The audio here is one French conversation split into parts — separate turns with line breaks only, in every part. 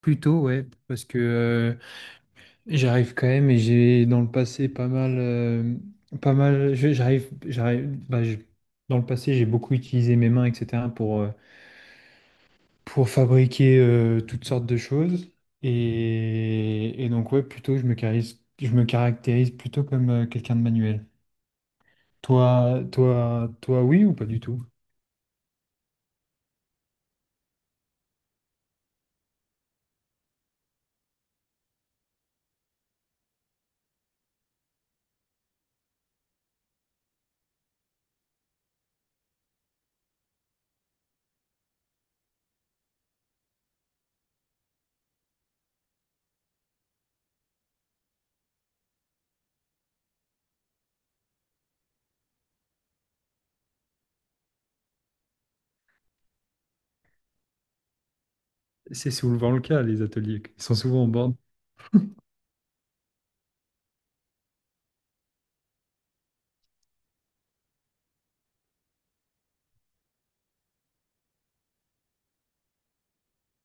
Plutôt, ouais, parce que j'arrive quand même et j'ai dans le passé pas mal, pas mal, je- dans le passé j'ai beaucoup utilisé mes mains, etc. pour fabriquer toutes sortes de choses. Et donc, ouais, plutôt, je me caractérise plutôt comme quelqu'un de manuel. Toi, oui ou pas du tout? C'est souvent le cas, les ateliers, ils sont souvent en borne.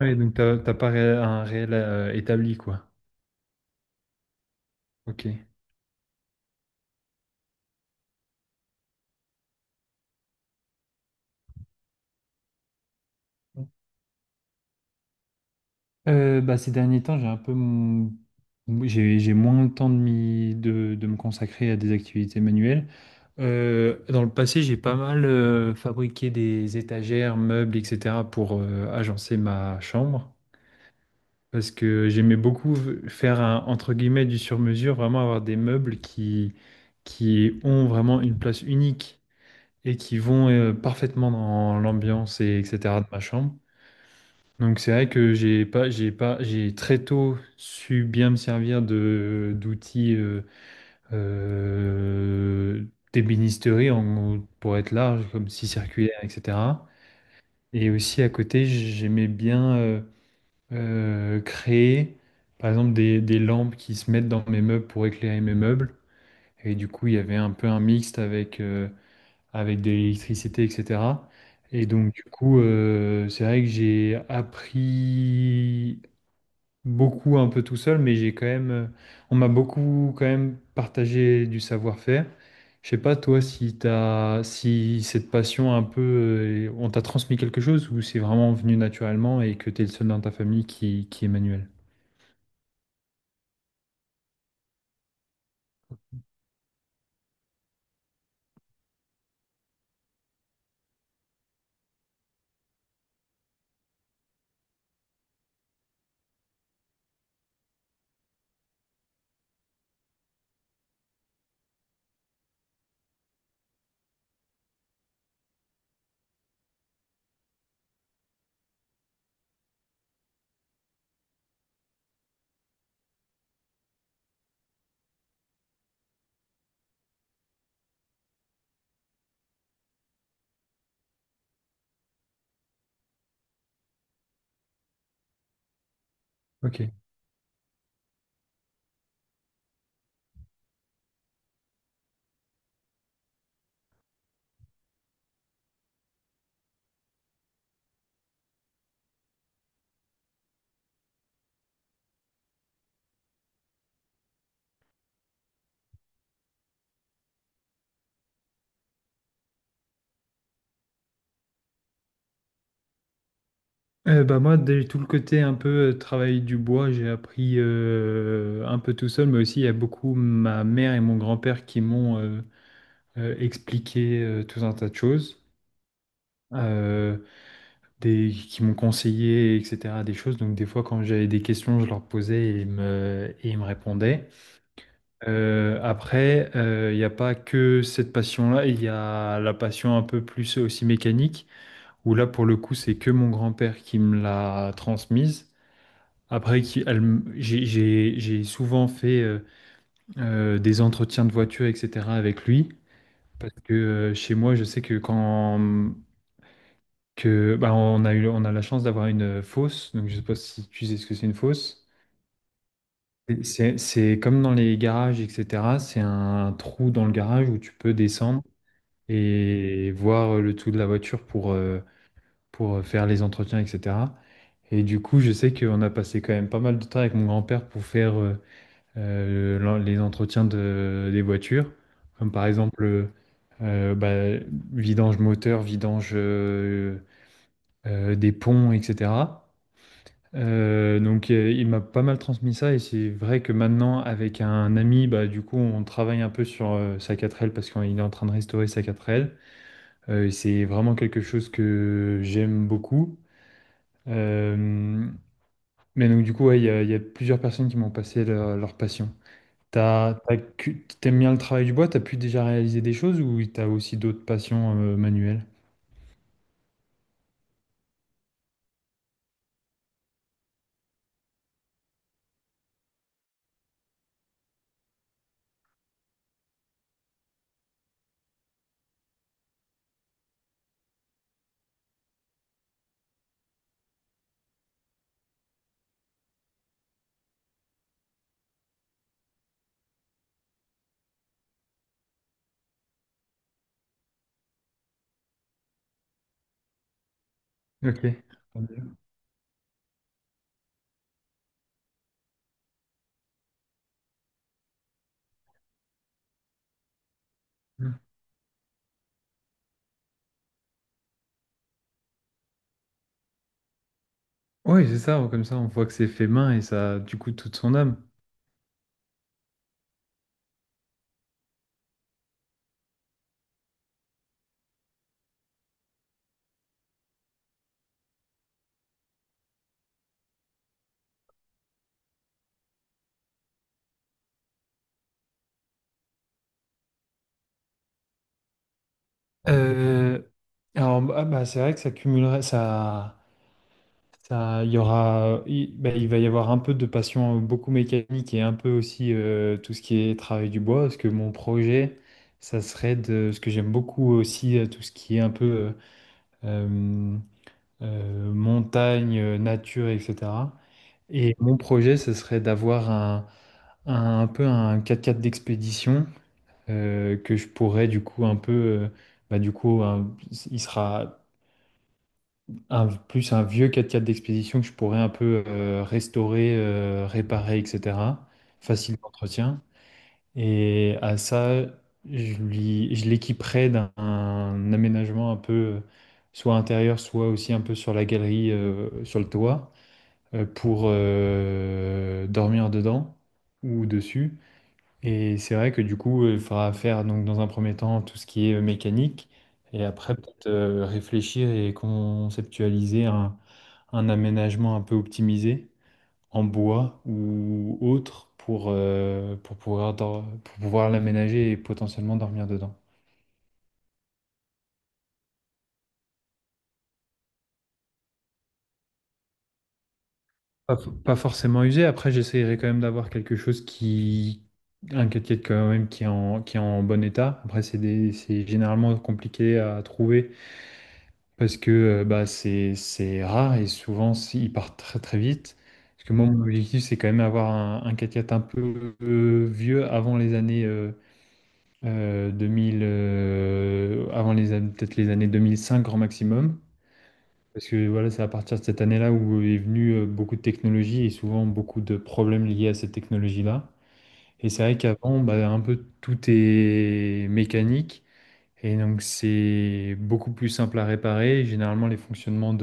Ouais, donc t'as pas un réel établi, quoi. Ok. Bah, ces derniers temps, j'ai un peu mon- j'ai moins le temps de me consacrer à des activités manuelles. Dans le passé, j'ai pas mal fabriqué des étagères, meubles, etc. pour agencer ma chambre. Parce que j'aimais beaucoup faire un, entre guillemets, du sur-mesure, vraiment avoir des meubles qui ont vraiment une place unique et qui vont parfaitement dans l'ambiance et etc. de ma chambre. Donc c'est vrai que j'ai pas, j'ai pas, j'ai très tôt su bien me servir de d'outils euh, d'ébénisterie pour être large, comme scie circulaire, etc. Et aussi à côté, j'aimais bien créer, par exemple, des lampes qui se mettent dans mes meubles pour éclairer mes meubles. Et du coup, il y avait un peu un mixte avec de l'électricité, etc. Et donc, du coup, c'est vrai que j'ai appris beaucoup un peu tout seul, mais j'ai quand même, on m'a beaucoup quand même partagé du savoir-faire. Je sais pas toi si cette passion un peu, on t'a transmis quelque chose ou c'est vraiment venu naturellement et que t'es le seul dans ta famille qui est manuel. Ok. Bah moi, dès tout le côté un peu travail du bois, j'ai appris un peu tout seul, mais aussi il y a beaucoup ma mère et mon grand-père qui m'ont expliqué tout un tas de choses. Euh, qui m'ont conseillé, etc., des choses. Donc, des fois, quand j'avais des questions, je leur posais et ils me répondaient. Après, il n'y a pas que cette passion-là, il y a la passion un peu plus aussi mécanique, où là, pour le coup, c'est que mon grand-père qui me l'a transmise. Après, j'ai souvent fait des entretiens de voiture, etc., avec lui. Parce que chez moi, je sais que quand que bah, on a la chance d'avoir une fosse. Donc, je sais pas si tu sais ce que c'est une fosse. C'est comme dans les garages, etc. C'est un trou dans le garage où tu peux descendre et voir le tout de la voiture pour faire les entretiens, etc. Et du coup, je sais qu'on a passé quand même pas mal de temps avec mon grand-père pour faire les entretiens des voitures. Comme par exemple, bah, vidange moteur, vidange des ponts, etc. Donc il m'a pas mal transmis ça et c'est vrai que maintenant avec un ami, bah, du coup, on travaille un peu sur, sa 4L parce qu'il est en train de restaurer sa 4L, et c'est vraiment quelque chose que j'aime beaucoup. Hem, mais donc du coup, ouais, il y a plusieurs personnes qui m'ont passé leur passion. Tu as bien le travail du bois? T'as pu déjà réaliser des choses ou t'as aussi d'autres passions, manuelles? OK. Mmh. Oui, c'est ça, comme ça, on voit que c'est fait main et ça a, du coup, toute son âme. Euh, alors, bah, ah bah, c'est vrai que ça cumulerait, ça, il y aura, il, bah, il va y avoir un peu de passion beaucoup mécanique et un peu aussi tout ce qui est travail du bois, parce que mon projet, ce que j'aime beaucoup aussi, tout ce qui est un peu euh, montagne, nature, etc. Et mon projet, ce serait d'avoir un peu un 4x4 d'expédition que je pourrais du coup un peu, bah, du coup, il sera plus un vieux quatre-quatre 4 d'expédition que je pourrais un peu restaurer, réparer, etc. Facile d'entretien. Et à ça, je l'équiperais d'un un aménagement un peu, soit intérieur, soit aussi un peu sur la galerie, sur le toit, pour dormir dedans ou dessus. Et c'est vrai que du coup, il faudra faire donc dans un premier temps tout ce qui est mécanique, et après peut-être réfléchir et conceptualiser un aménagement un peu optimisé en bois ou autre pour pouvoir l'aménager et potentiellement dormir dedans. Pas forcément usé, après j'essayerai quand même d'avoir quelque chose qui... Un 4 quand même qui est en bon état. Après, c'est généralement compliqué à trouver. Parce que bah, c'est rare et souvent ils partent très très vite. Parce que moi, mon objectif, c'est quand même avoir un quatre x un peu vieux avant les années 2000, peut-être les années 2005 grand maximum. Parce que voilà, c'est à partir de cette année-là où est venu beaucoup de technologies et souvent beaucoup de problèmes liés à cette technologie-là. Et c'est vrai qu'avant, bah, un peu tout est mécanique. Et donc, c'est beaucoup plus simple à réparer. Généralement, les fonctionnements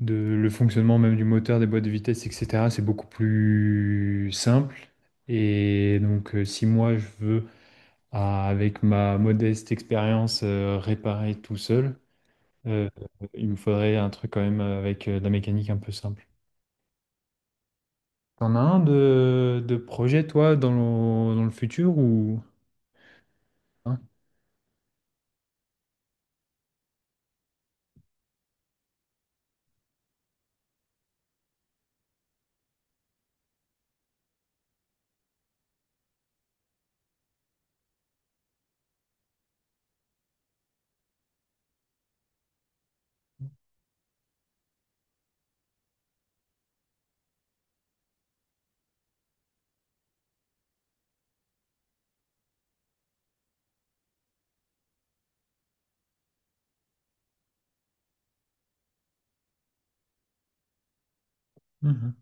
de le fonctionnement même du moteur, des boîtes de vitesse, etc. C'est beaucoup plus simple. Et donc, si moi je veux, avec ma modeste expérience, réparer tout seul, euh, il me faudrait un truc quand même avec de la mécanique un peu simple. T'en as un de projet, toi, dans dans le futur ou... Hein.